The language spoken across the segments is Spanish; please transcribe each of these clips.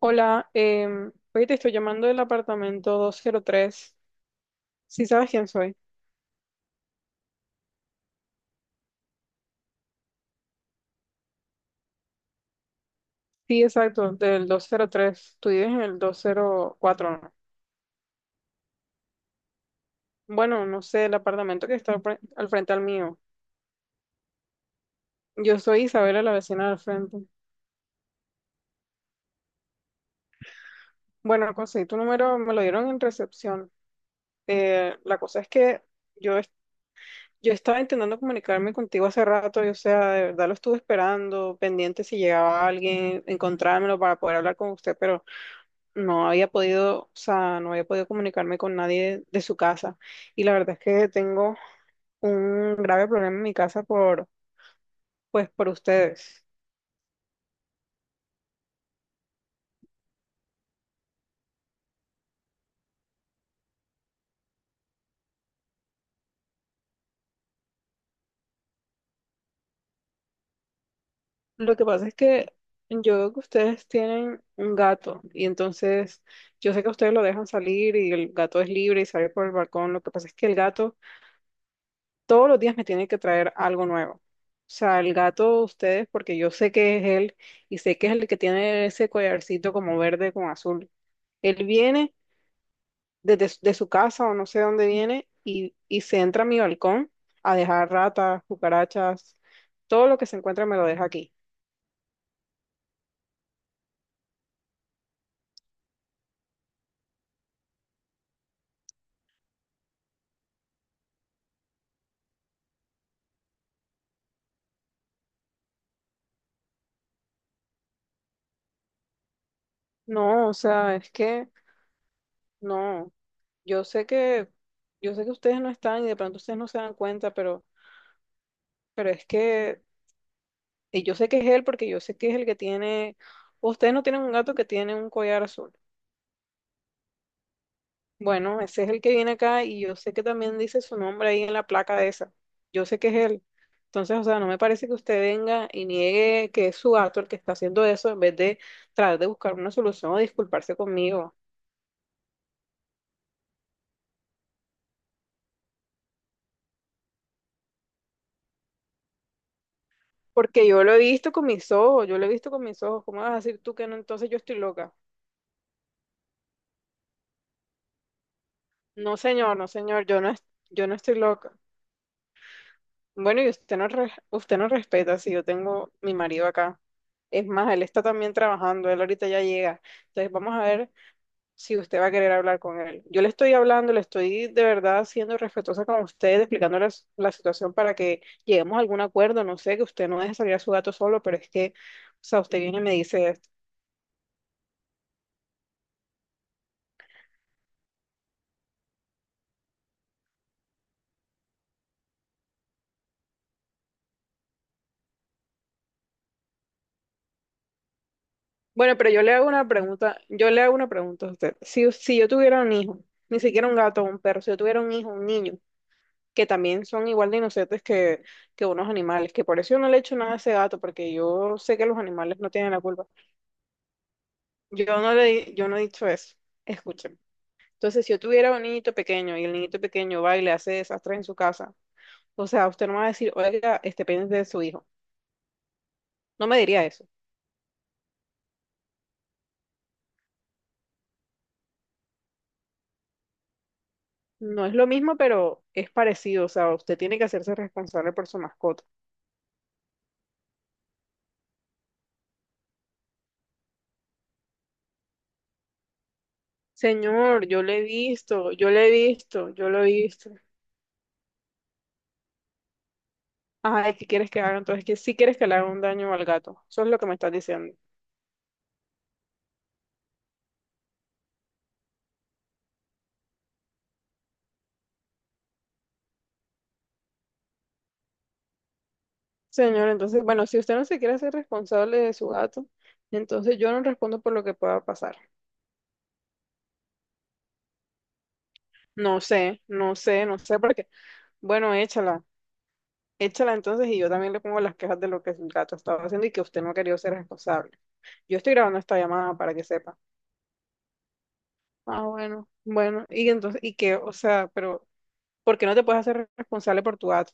Hola, oye, te estoy llamando del apartamento 203. ¿Sí sabes quién soy? Sí, exacto, del 203. Tú vives en el 204, ¿no? Bueno, no sé, el apartamento que está al frente al mío. Yo soy Isabela, la vecina del frente. Bueno, conseguí tu número, me lo dieron en recepción. La cosa es que yo, es- yo estaba intentando comunicarme contigo hace rato, y, o sea, de verdad lo estuve esperando, pendiente si llegaba alguien, encontrármelo para poder hablar con usted, pero no había podido, o sea, no había podido comunicarme con nadie de su casa. Y la verdad es que tengo un grave problema en mi casa por, pues, por ustedes. Lo que pasa es que yo veo que ustedes tienen un gato y entonces yo sé que ustedes lo dejan salir y el gato es libre y sale por el balcón. Lo que pasa es que el gato todos los días me tiene que traer algo nuevo. O sea, el gato, ustedes, porque yo sé que es él y sé que es el que tiene ese collarcito como verde con azul. Él viene de su casa o no sé dónde viene y, se entra a mi balcón a dejar ratas, cucarachas, todo lo que se encuentra me lo deja aquí. No, o sea, es que no, yo sé que, yo sé que ustedes no están y de pronto ustedes no se dan cuenta, pero es que y yo sé que es él porque yo sé que es el que tiene, ustedes no tienen un gato que tiene un collar azul. Bueno, ese es el que viene acá y yo sé que también dice su nombre ahí en la placa de esa. Yo sé que es él. Entonces, o sea, no me parece que usted venga y niegue que es su gato el que está haciendo eso en vez de tratar de buscar una solución o disculparse conmigo. Porque yo lo he visto con mis ojos, yo lo he visto con mis ojos. ¿Cómo vas a decir tú que no? Entonces yo estoy loca. No, señor, no, señor, yo no estoy loca. Bueno, y usted no respeta si yo tengo mi marido acá. Es más, él está también trabajando, él ahorita ya llega. Entonces, vamos a ver si usted va a querer hablar con él. Yo le estoy hablando, le estoy de verdad siendo respetuosa con usted, explicándoles la situación para que lleguemos a algún acuerdo. No sé, que usted no deje salir a su gato solo, pero es que, o sea, usted viene y me dice esto. Bueno, pero yo le hago una pregunta, yo le hago una pregunta a usted. Si yo tuviera un hijo, ni siquiera un gato o un perro, si yo tuviera un hijo, un niño, que también son igual de inocentes que unos animales, que por eso yo no le echo nada a ese gato, porque yo sé que los animales no tienen la culpa. Yo no he dicho eso. Escuchen. Entonces, si yo tuviera un niñito pequeño y el niñito pequeño va y le hace desastres en su casa, o sea, usted no me va a decir, oiga, este pendiente de su hijo. No me diría eso. No es lo mismo, pero es parecido. O sea, usted tiene que hacerse responsable por su mascota. Señor, yo lo he visto, yo lo he visto. Ay, ¿qué quieres que haga? Entonces, que sí quieres que le haga un daño al gato. Eso es lo que me estás diciendo. Señor, entonces, bueno, si usted no se quiere hacer responsable de su gato, entonces yo no respondo por lo que pueda pasar. No sé, por qué. Bueno, échala. Échala entonces y yo también le pongo las quejas de lo que el gato estaba haciendo y que usted no ha querido ser responsable. Yo estoy grabando esta llamada para que sepa. Ah, bueno, bueno, y entonces, y que, o sea, pero, ¿por qué no te puedes hacer responsable por tu gato?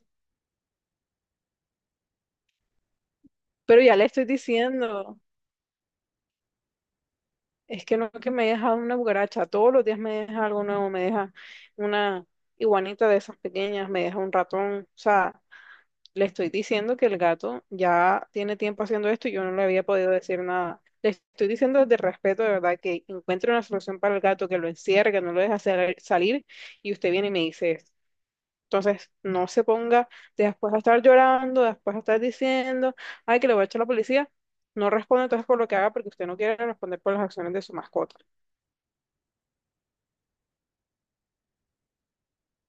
Pero ya le estoy diciendo, es que no que me deja una cucaracha, todos los días me deja algo nuevo, me deja una iguanita de esas pequeñas, me deja un ratón, o sea, le estoy diciendo que el gato ya tiene tiempo haciendo esto y yo no le había podido decir nada. Le estoy diciendo desde el respeto, de verdad, que encuentre una solución para el gato, que lo encierre, que no lo salir, y usted viene y me dice esto. Entonces, no se ponga después a estar llorando, después a estar diciendo, ay, que le voy a echar a la policía. No responde entonces por lo que haga porque usted no quiere responder por las acciones de su mascota.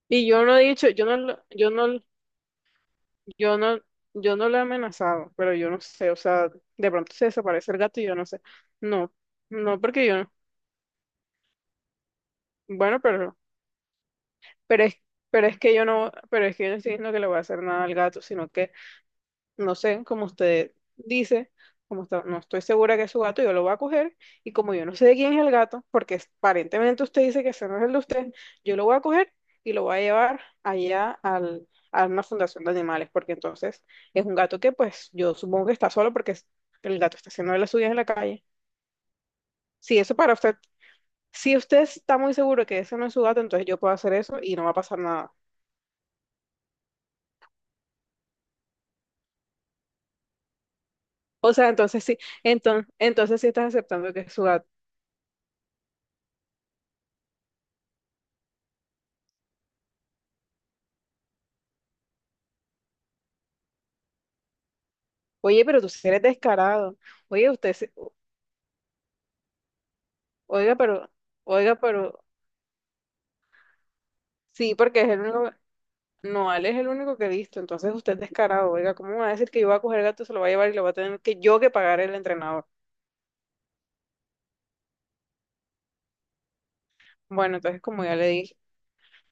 Y yo no he dicho, yo no, Yo no, yo no lo he amenazado, pero yo no sé, o sea, de pronto se desaparece el gato y yo no sé. No, no porque yo no. Bueno, pero, no, pero es, pero es que yo no, pero es que yo no estoy diciendo que le voy a hacer nada al gato, sino que no sé, como usted dice, no estoy segura que es su gato, yo lo voy a coger y como yo no sé de quién es el gato, aparentemente usted dice que ese no es el de usted, yo lo voy a coger y lo voy a llevar a una fundación de animales, porque entonces es un gato que pues yo supongo que está solo el gato está haciendo de las suyas en la calle. Si eso para usted, si usted está muy seguro que ese no es su gato, entonces yo puedo hacer eso y no va a pasar nada. O sea, entonces sí, entonces, entonces sí estás aceptando que es su gato. Oye, pero tú sí eres descarado. Oye, oiga, pero, oiga, pero, sí, porque es el único, no, Ale es el único que he visto, entonces usted es descarado. Oiga, ¿cómo me va a decir que yo voy a coger el gato, se lo va a llevar y lo va a tener que yo que pagar el entrenador? Bueno, entonces como ya le dije,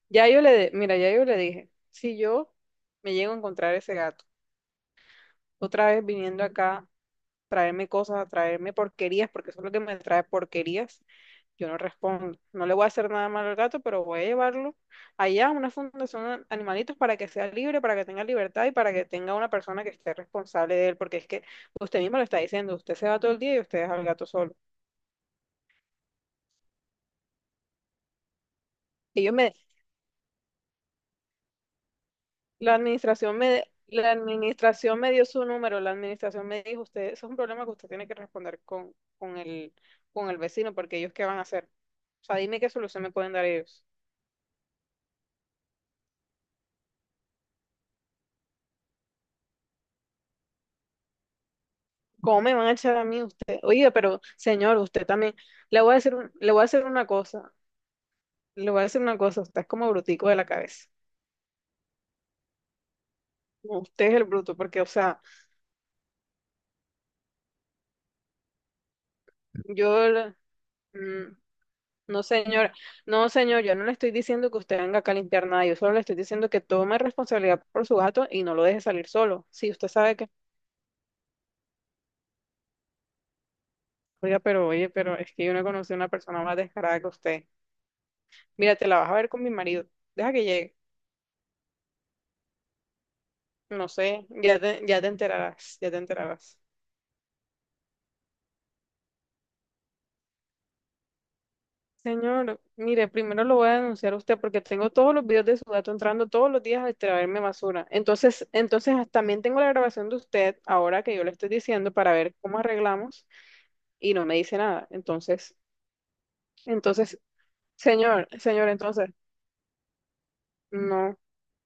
mira, ya yo le dije, si yo me llego a encontrar ese gato, otra vez viniendo acá traerme cosas, traerme porquerías, porque eso es lo que me trae porquerías, yo no respondo. No le voy a hacer nada malo al gato, pero voy a llevarlo allá a una fundación de animalitos para que sea libre, para que tenga libertad y para que tenga una persona que esté responsable de él, porque es que usted mismo lo está diciendo, usted se va todo el día y usted deja al gato solo. Ellos me, la administración me dio su número, la administración me dijo, usted, eso es un problema que usted tiene que responder con el vecino, porque ellos qué van a hacer. O sea, dime qué solución me pueden dar ellos. ¿Cómo me van a echar a mí usted? Oiga, pero señor, usted también. Le voy a hacer una cosa. Le voy a decir una cosa. Usted es como brutico de la cabeza. No, usted es el bruto, porque, o sea, yo. le- mm, no, señor. No, señor, yo no le estoy diciendo que usted venga acá a limpiar nada. Yo solo le estoy diciendo que tome responsabilidad por su gato y no lo deje salir solo. Sí, usted sabe que. Oiga, pero, oye, pero es que yo no conocí a una persona más descarada que usted. Mira, te la vas a ver con mi marido. Deja que llegue. No sé, ya te enterarás, ya te enterarás. Señor, mire, primero lo voy a denunciar a usted porque tengo todos los videos de su gato entrando todos los días a extraerme basura. Entonces, también tengo la grabación de usted ahora que yo le estoy diciendo para ver cómo arreglamos y no me dice nada. Entonces, entonces, señor, señor, entonces, no,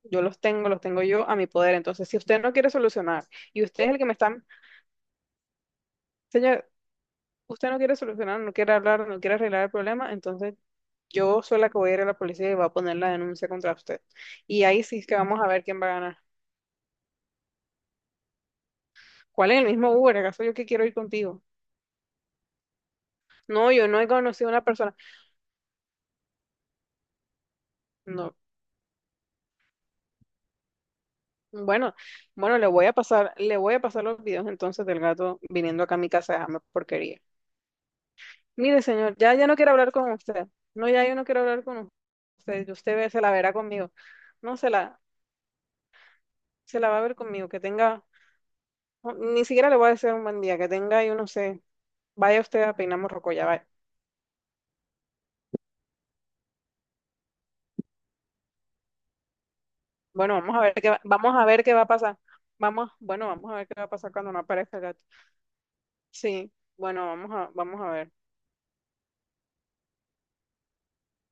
yo los tengo yo a mi poder. Entonces, si usted no quiere solucionar y usted es el que me está, señor, usted no quiere solucionar, no quiere hablar, no quiere arreglar el problema, entonces yo soy la que voy a ir a la policía y voy a poner la denuncia contra usted. Y ahí sí es que vamos a ver quién va a ganar. ¿Cuál es el mismo Uber? ¿Acaso yo que quiero ir contigo? No, yo no he conocido a una persona. No. Bueno, bueno, le voy a pasar, le voy a pasar los videos entonces del gato viniendo acá a mi casa a dejarme porquería. Mire, señor, ya no quiero hablar con usted. No, ya yo no quiero hablar con usted. Se la verá conmigo. No, se la va a ver conmigo. Que tenga, no, ni siquiera le voy a decir un buen día. Que tenga, yo no sé. Vaya usted a peinar morrocoya, vaya. Bueno, vamos a ver qué va a pasar. Vamos a ver qué va a pasar cuando no aparezca el gato. Sí, bueno, vamos a ver.